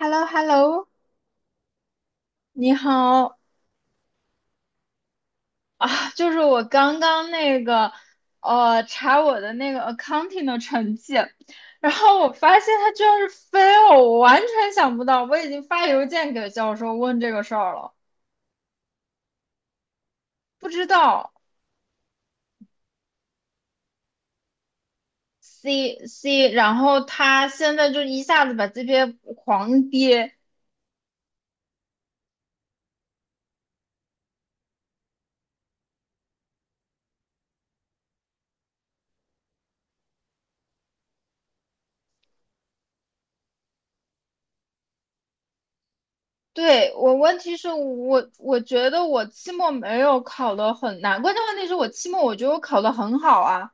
h e l l o h e l l o。 你好啊。就是我刚刚那个查我的那个 accounting 的成绩，然后我发现它居然是 fail，我完全想不到，我已经发邮件给教授问这个事儿了。不知道。 C C，然后他现在就一下子把这边狂跌。对，我问题是我觉得我期末没有考的很难，关键问题是我期末我觉得我考的很好啊。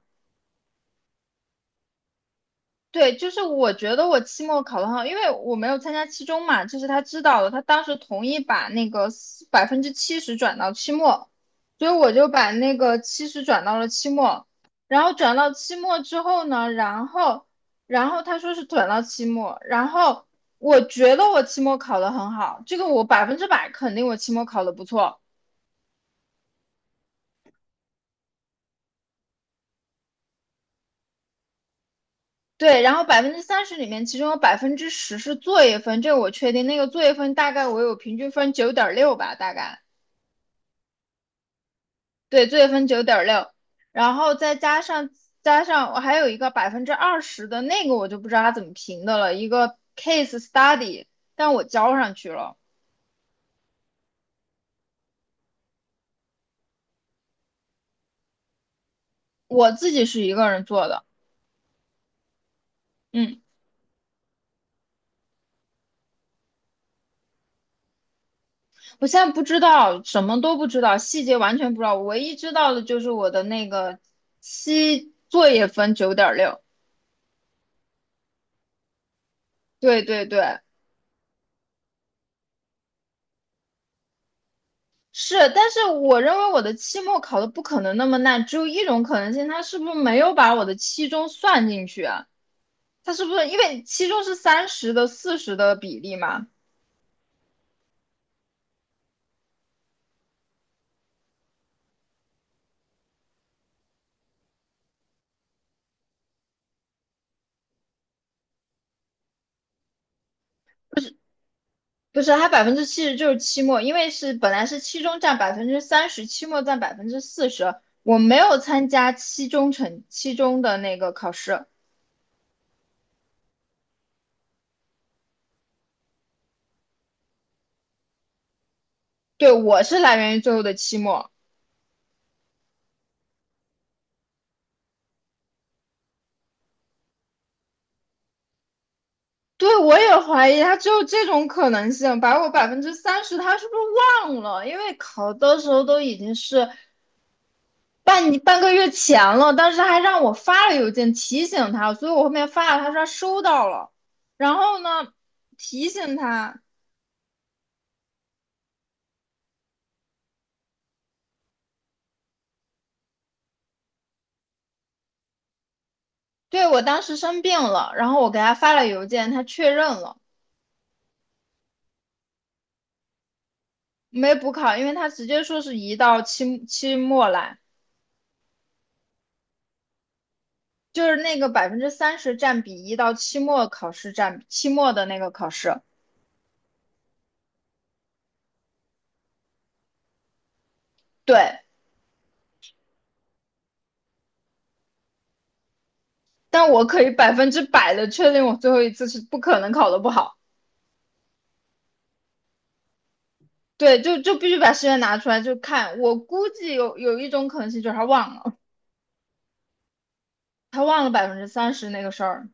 对，就是我觉得我期末考得很好，因为我没有参加期中嘛，这是他知道的，他当时同意把那个百分之七十转到期末，所以我就把那个七十转到了期末。然后转到期末之后呢，然后他说是转到期末。然后我觉得我期末考得很好，这个我百分之百肯定我期末考得不错。对，然后百分之三十里面，其中有10%是作业分，这个我确定。那个作业分大概我有平均分九点六吧，大概。对，作业分九点六，然后再加上我还有一个百分之二十的那个我就不知道它怎么评的了，一个 case study，但我交上去了。我自己是一个人做的。嗯，我现在不知道，什么都不知道，细节完全不知道，我唯一知道的就是我的那个期作业分九点六。对对对。是，但是我认为我的期末考的不可能那么烂，只有一种可能性，他是不是没有把我的期中算进去啊？他是不是因为期中是三十的四十的比例嘛？不是，他百分之七十就是期末，因为是本来是期中占百分之三十，期末占百分之四十。我没有参加期中成期中的那个考试。对，我是来源于最后的期末。对，我也怀疑他只有这种可能性，把我百分之三十他是不是忘了？因为考的时候都已经是半个月前了，当时还让我发了邮件提醒他，所以我后面发了，他说他收到了。然后呢提醒他。对，我当时生病了，然后我给他发了邮件，他确认了。没补考，因为他直接说是移到期期末来。就是那个百分之三十占比移到期末考试占比，期末的那个考试。对，但我可以百分之百的确定我最后一次是不可能考的不好。对，就必须把试卷拿出来就看。我估计有一种可能性就是他忘了。他忘了百分之三十那个事儿。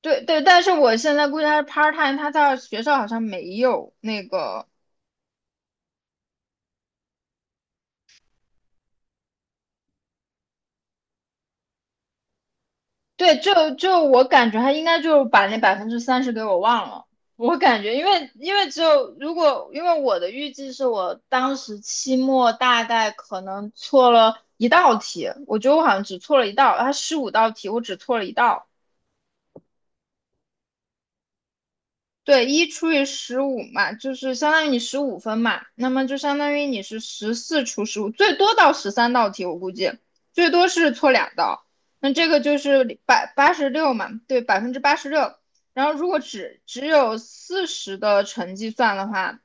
对对，但是我现在估计他是 part time，他在学校好像没有那个。对，就我感觉他应该就把那百分之三十给我忘了。我感觉，因为只有如果，因为我的预计是我当时期末大概可能错了一道题，我觉得我好像只错了一道，他15道题我只错了一道。对，1除以15嘛，就是相当于你15分嘛，那么就相当于你是14除15，最多到13道题，我估计最多是错两道。那这个就是百八十六嘛，对，86%。然后如果只有四十的成绩算的话，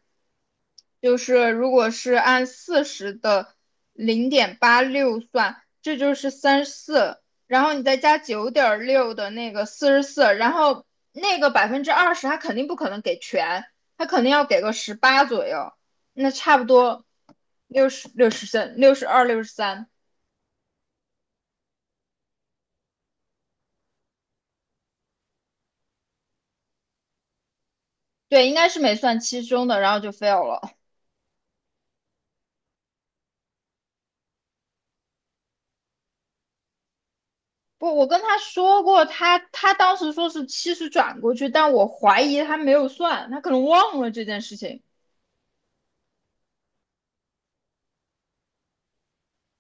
就是如果是按四十的零点八六算，这就是34，然后你再加九点六的那个44，然后那个百分之二十，他肯定不可能给全，他肯定要给个十八左右，那差不多六十三、62、六十三。对，应该是没算七十中的，然后就 fail 了。不，我跟他说过，他当时说是七十转过去，但我怀疑他没有算，他可能忘了这件事情。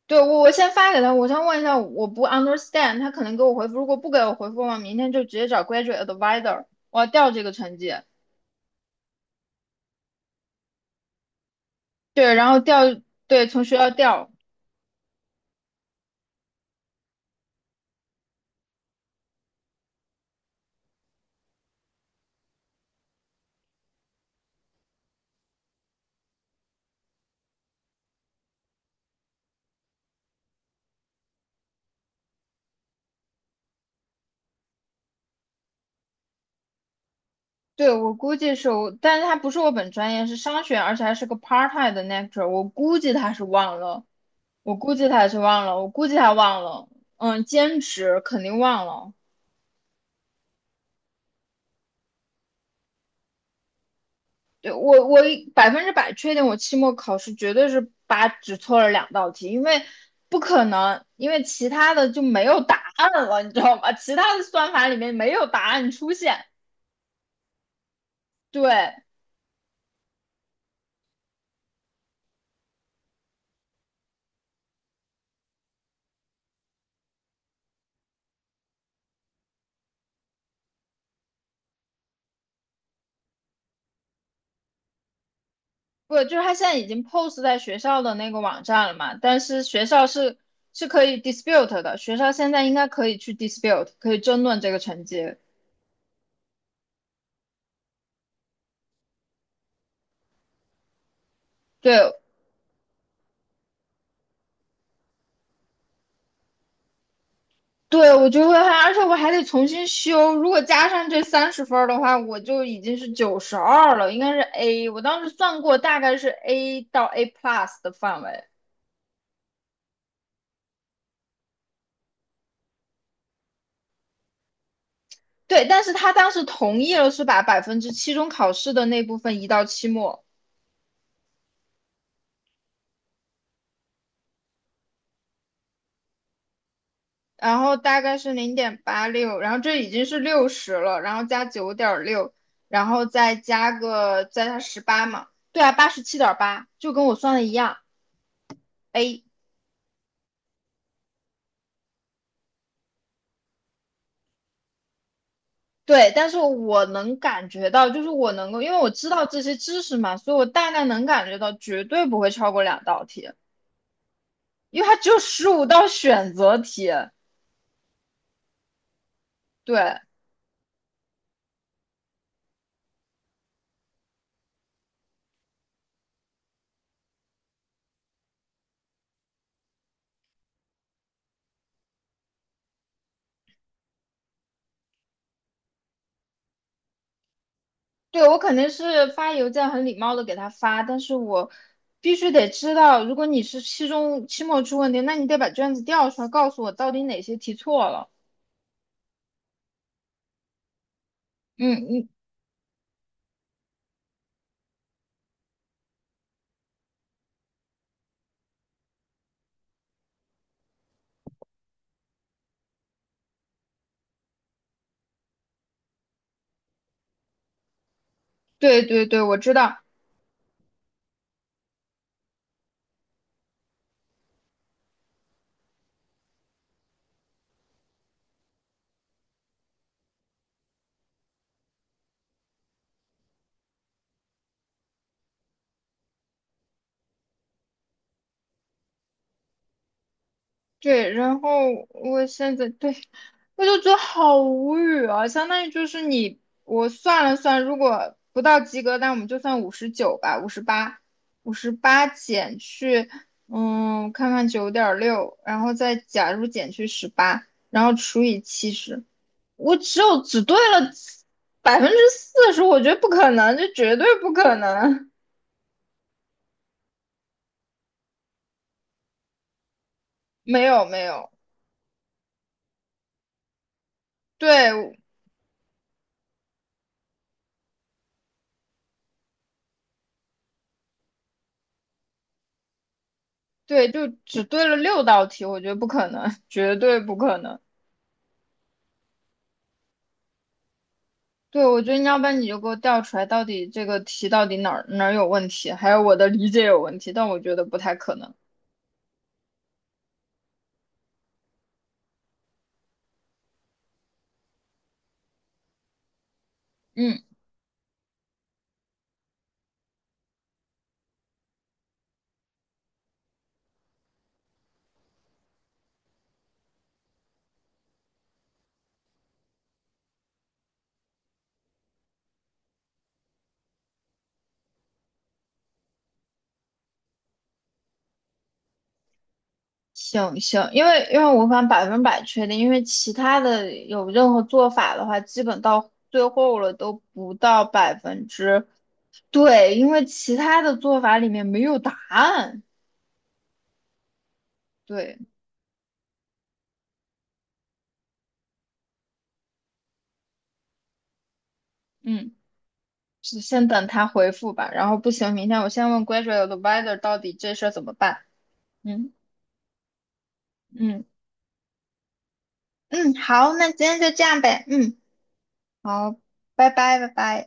对，我先发给他，我先问一下，我不 understand，他可能给我回复，如果不给我回复我明天就直接找 graduate advisor。我要调这个成绩。对，然后调。对，从学校调。对，我估计是我，但是他不是我本专业，是商学，而且还是个 part time 的 lecturer，我估计他是忘了，我估计他是忘了，我估计他忘了。嗯，兼职肯定忘了。对我百分之百确定，我期末考试绝对是八，只错了两道题，因为不可能，因为其他的就没有答案了，你知道吗？其他的算法里面没有答案出现。对，不就是他现在已经 post 在学校的那个网站了嘛？但是学校是是可以 dispute 的，学校现在应该可以去 dispute，可以争论这个成绩。对对，我就会还，而且我还得重新修。如果加上这30分儿的话，我就已经是92了，应该是 A。我当时算过，大概是 A 到 A plus 的范围。对，但是他当时同意了，是把百分之期中考试的那部分移到期末。然后大概是零点八六，然后这已经是六十了，然后加九点六，然后再加十八嘛，对啊，87.8，就跟我算的一样，A。对，但是我能感觉到，就是我能够，因为我知道这些知识嘛，所以我大概能感觉到绝对不会超过两道题，因为它只有15道选择题。对，对，我肯定是发邮件很礼貌的给他发，但是我必须得知道，如果你是期中、期末出问题，那你得把卷子调出来，告诉我到底哪些题错了。嗯嗯。对对对，我知道。对，然后我现在对我就觉得好无语啊，相当于就是你我算了算，如果不到及格，那我们就算59吧，五十八，五十八减去嗯，看看九点六，然后再假如减去十八，然后除以七十，我只有只对了百分之四十，我觉得不可能，这绝对不可能。没有没有。对对，就只对了6道题，我觉得不可能，绝对不可能。对，我觉得你要不然你就给我调出来，到底这个题到底哪儿哪儿有问题，还有我的理解有问题，但我觉得不太可能。嗯，行行，因为我无法百分百确定，因为其他的有任何做法的话，基本到最后了都不到百分之。对，因为其他的做法里面没有答案。对，嗯。是先等他回复吧，然后不行，明天我先问 graduate advisor 到底这事儿怎么办。嗯嗯嗯，好，那今天就这样呗。嗯，好，拜拜拜拜。